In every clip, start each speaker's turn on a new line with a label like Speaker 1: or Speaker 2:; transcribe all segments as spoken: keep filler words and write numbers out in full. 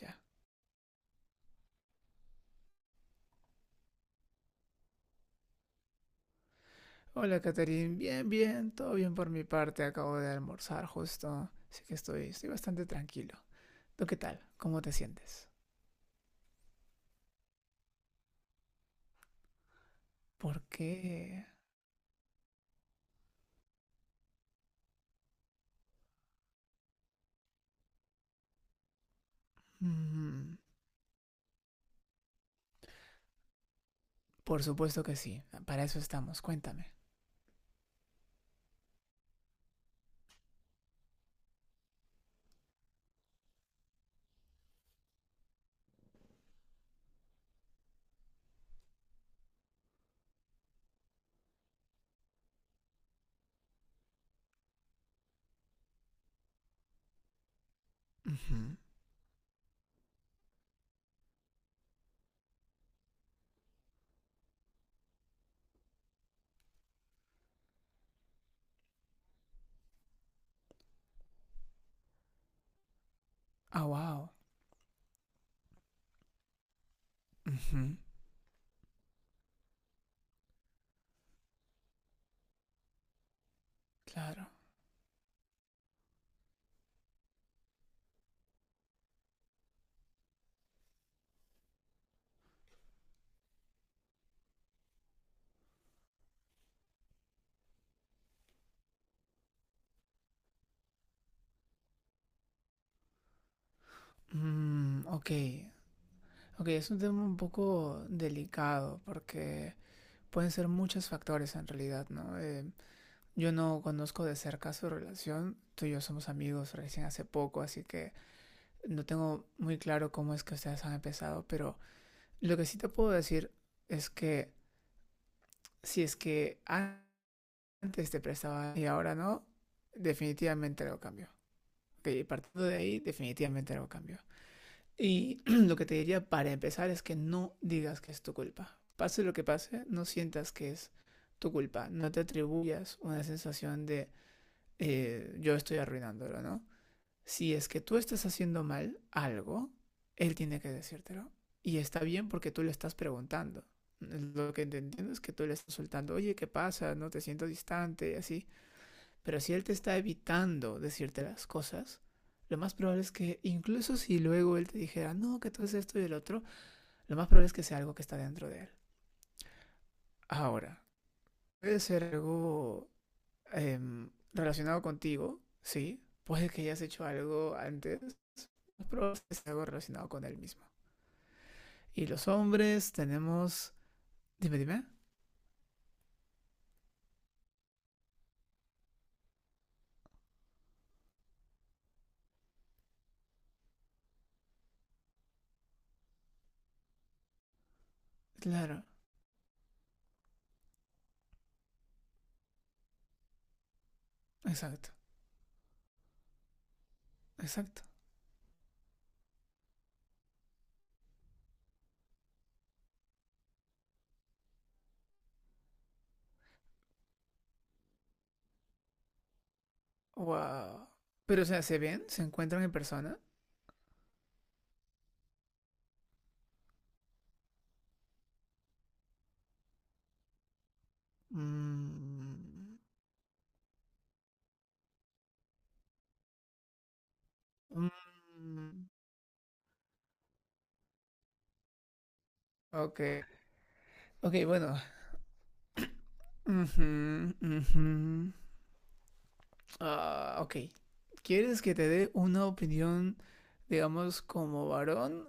Speaker 1: Ya. Hola, Catherine. Bien, bien. Todo bien por mi parte. Acabo de almorzar justo. Así que estoy, estoy bastante tranquilo. ¿Tú qué tal? ¿Cómo te sientes? ¿Por qué? Mm. Por supuesto que sí. Para eso estamos. Cuéntame. Ujú. Ah, wow. Ujú. Claro. Mm, ok. Ok, es un tema un poco delicado porque pueden ser muchos factores en realidad, ¿no? Eh, yo no conozco de cerca su relación. Tú y yo somos amigos recién hace poco, así que no tengo muy claro cómo es que ustedes han empezado, pero lo que sí te puedo decir es que, si es que antes te prestaba y ahora no, definitivamente algo cambió. Ok, partiendo de ahí, definitivamente algo cambió. Y lo que te diría para empezar es que no digas que es tu culpa. Pase lo que pase, no sientas que es tu culpa. No te atribuyas una sensación de eh, yo estoy arruinándolo, ¿no? Si es que tú estás haciendo mal algo, él tiene que decírtelo. Y está bien porque tú le estás preguntando. Mm. Lo que entiendo es que tú le estás soltando, oye, ¿qué pasa? No te siento distante, así. Pero si él te está evitando decirte las cosas, lo más probable es que, incluso si luego él te dijera, no, que tú es esto y el otro, lo más probable es que sea algo que está dentro de él. Ahora, puede ser algo eh, relacionado contigo, sí. Puede que hayas hecho algo antes, pero es que sea algo relacionado con él mismo. Y los hombres tenemos... Dime, dime. Claro, exacto, exacto. Wow. Pero, o sea, ¿se ven? ¿Se encuentran en persona? Mm, mm, ok. Ok, bueno. Ujú, ujú. Ah, ok. ¿Quieres que te dé una opinión, digamos, como varón,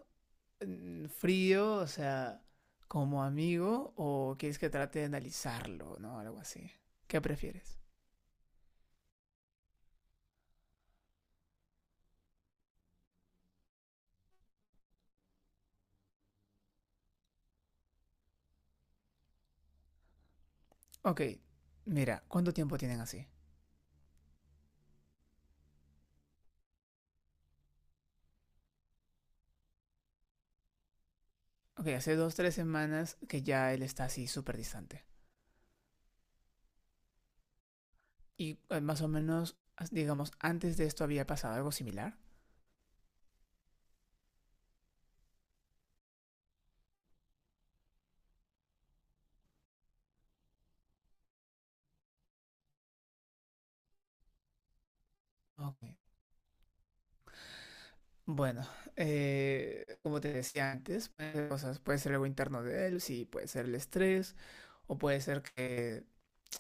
Speaker 1: mm, frío, o sea, como amigo, o quieres que trate de analizarlo, ¿no? Algo así. ¿Qué prefieres? Ok, mira, ¿cuánto tiempo tienen así? Ok, hace dos, tres semanas que ya él está así súper distante. Y eh, más o menos, as- digamos, antes de esto había pasado algo similar. Ok. Bueno, eh, como te decía antes, pueden ser cosas, puede ser algo interno de él, sí, puede ser el estrés, o puede ser que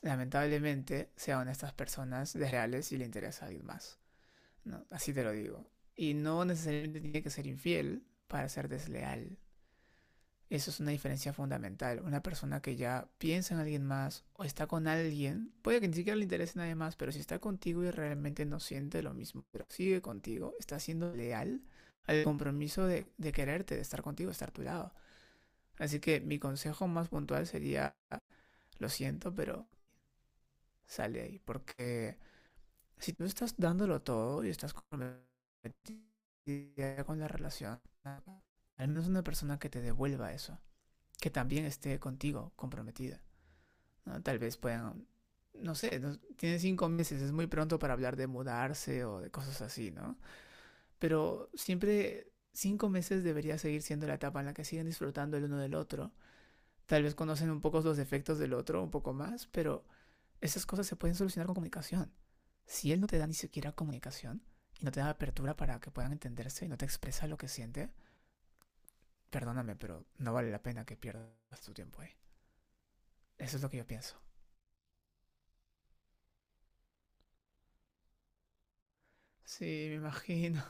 Speaker 1: lamentablemente sea una de estas personas desleales y le interesa a alguien más, ¿no? Así te lo digo. Y no necesariamente tiene que ser infiel para ser desleal. Eso es una diferencia fundamental. Una persona que ya piensa en alguien más o está con alguien, puede que ni siquiera le interese a nadie más, pero si está contigo y realmente no siente lo mismo, pero sigue contigo, está siendo leal al compromiso de, de quererte, de estar contigo, de estar a tu lado. Así que mi consejo más puntual sería, lo siento, pero sale ahí, porque si tú estás dándolo todo y estás comprometida con la relación, al menos una persona que te devuelva eso, que también esté contigo comprometida. ¿No? Tal vez puedan, no sé, no- tienen cinco meses, es muy pronto para hablar de mudarse o de cosas así, ¿no? Pero siempre cinco meses debería seguir siendo la etapa en la que siguen disfrutando el uno del otro. Tal vez conocen un poco los defectos del otro, un poco más, pero esas cosas se pueden solucionar con comunicación. Si él no te da ni siquiera comunicación y no te da apertura para que puedan entenderse y no te expresa lo que siente, perdóname, pero no vale la pena que pierdas tu tiempo ahí. Eso es lo que yo pienso. Sí, me imagino.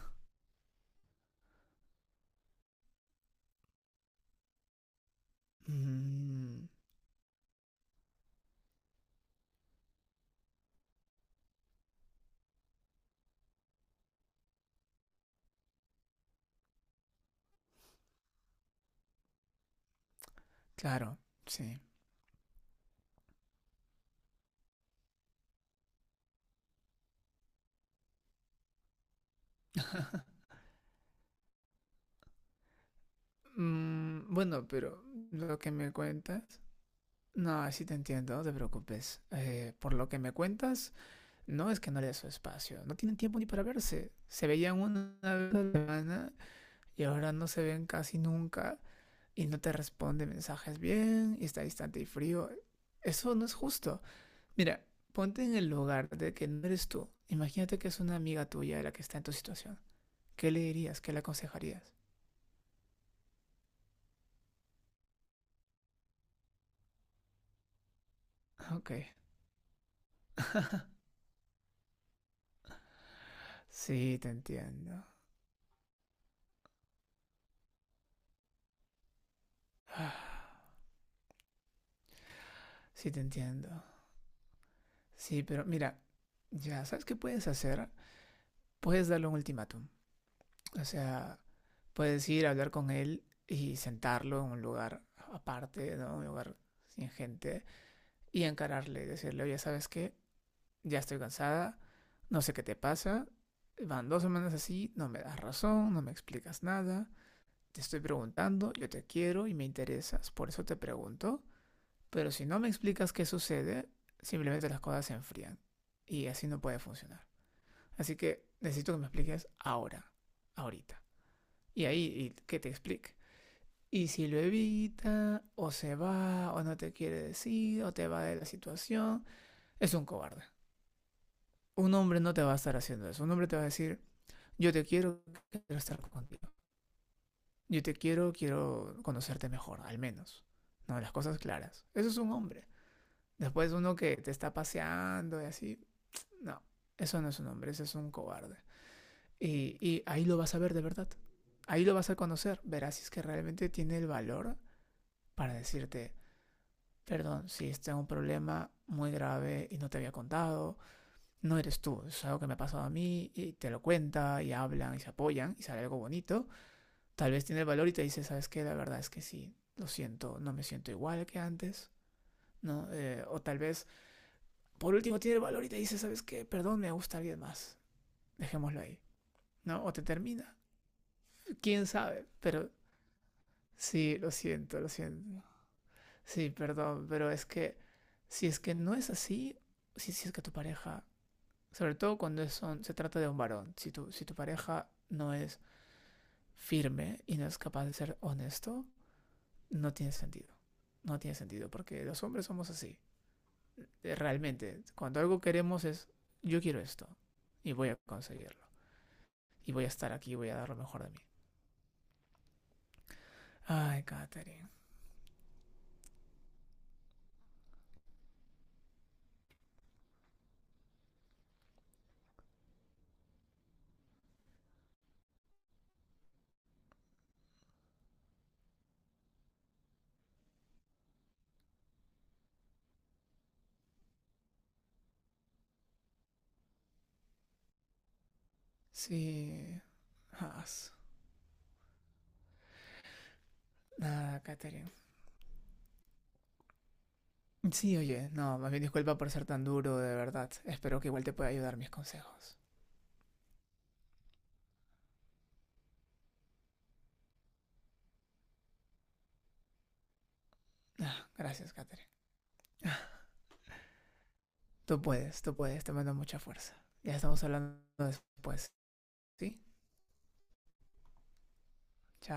Speaker 1: Mm. Claro, sí. Mm, bueno, pero lo que me cuentas... No, sí te entiendo, no te preocupes. Eh, por lo que me cuentas, no es que no le dé su espacio. No tienen tiempo ni para verse. Se veían una vez a la semana y ahora no se ven casi nunca y no te responde mensajes bien y está distante y frío. Eso no es justo. Mira, ponte en el lugar de que no eres tú. Imagínate que es una amiga tuya la que está en tu situación. ¿Qué le dirías? ¿Qué le aconsejarías? Ok. Sí, te entiendo. Ah, sí, te entiendo. Sí, pero mira, ya, ¿sabes qué puedes hacer? Puedes darle un ultimátum. O sea, puedes ir a hablar con él y sentarlo en un lugar aparte, ¿no? Un lugar sin gente y encararle, decirle, oye, ¿sabes qué? Ya estoy cansada, no sé qué te pasa, van dos semanas así, no me das razón, no me explicas nada, te estoy preguntando, yo te quiero y me interesas, por eso te pregunto. Pero si no me explicas qué sucede, simplemente las cosas se enfrían. Y así no puede funcionar. Así que necesito que me expliques ahora, ahorita. Y ahí y que te explique. Y si lo evita, o se va, o no te quiere decir, o te va de la situación, es un cobarde. Un hombre no te va a estar haciendo eso. Un hombre te va a decir, yo te quiero, quiero estar contigo. Yo te quiero, quiero conocerte mejor, al menos. No, las cosas claras. Eso es un hombre. Después uno que te está paseando y así, no, eso no es un hombre, ese es un cobarde. Y, y ahí lo vas a ver de verdad. Ahí lo vas a conocer. Verás si es que realmente tiene el valor para decirte, perdón, si está es un problema muy grave y no te había contado, no eres tú, es algo que me ha pasado a mí y te lo cuenta y hablan y se apoyan y sale algo bonito, tal vez tiene el valor y te dice, ¿sabes qué? La verdad es que sí, lo siento, no me siento igual que antes, ¿no? Eh, o tal vez, por último, tiene el valor y te dice, ¿sabes qué? Perdón, me gusta alguien más, dejémoslo ahí. ¿No? O te termina. ¿Quién sabe? Pero sí, lo siento, lo siento. Sí, perdón, pero es que si es que no es así, si, si es que tu pareja, sobre todo cuando es un- se trata de un varón, si tu, si tu pareja no es firme y no es capaz de ser honesto, no tiene sentido. No tiene sentido, porque los hombres somos así. Eh, Realmente, cuando algo queremos es, yo quiero esto y voy a conseguirlo. Y voy a estar aquí y voy a dar lo mejor de mí. Ay, Katherine. Sí. Ah, sí. Nada, Katherine. Sí, oye, no, más bien disculpa por ser tan duro, de verdad. Espero que igual te pueda ayudar mis consejos. Ah, gracias, Katherine. Ah, tú puedes, tú puedes, te mando mucha fuerza. Ya estamos hablando después, ¿sí? Chao.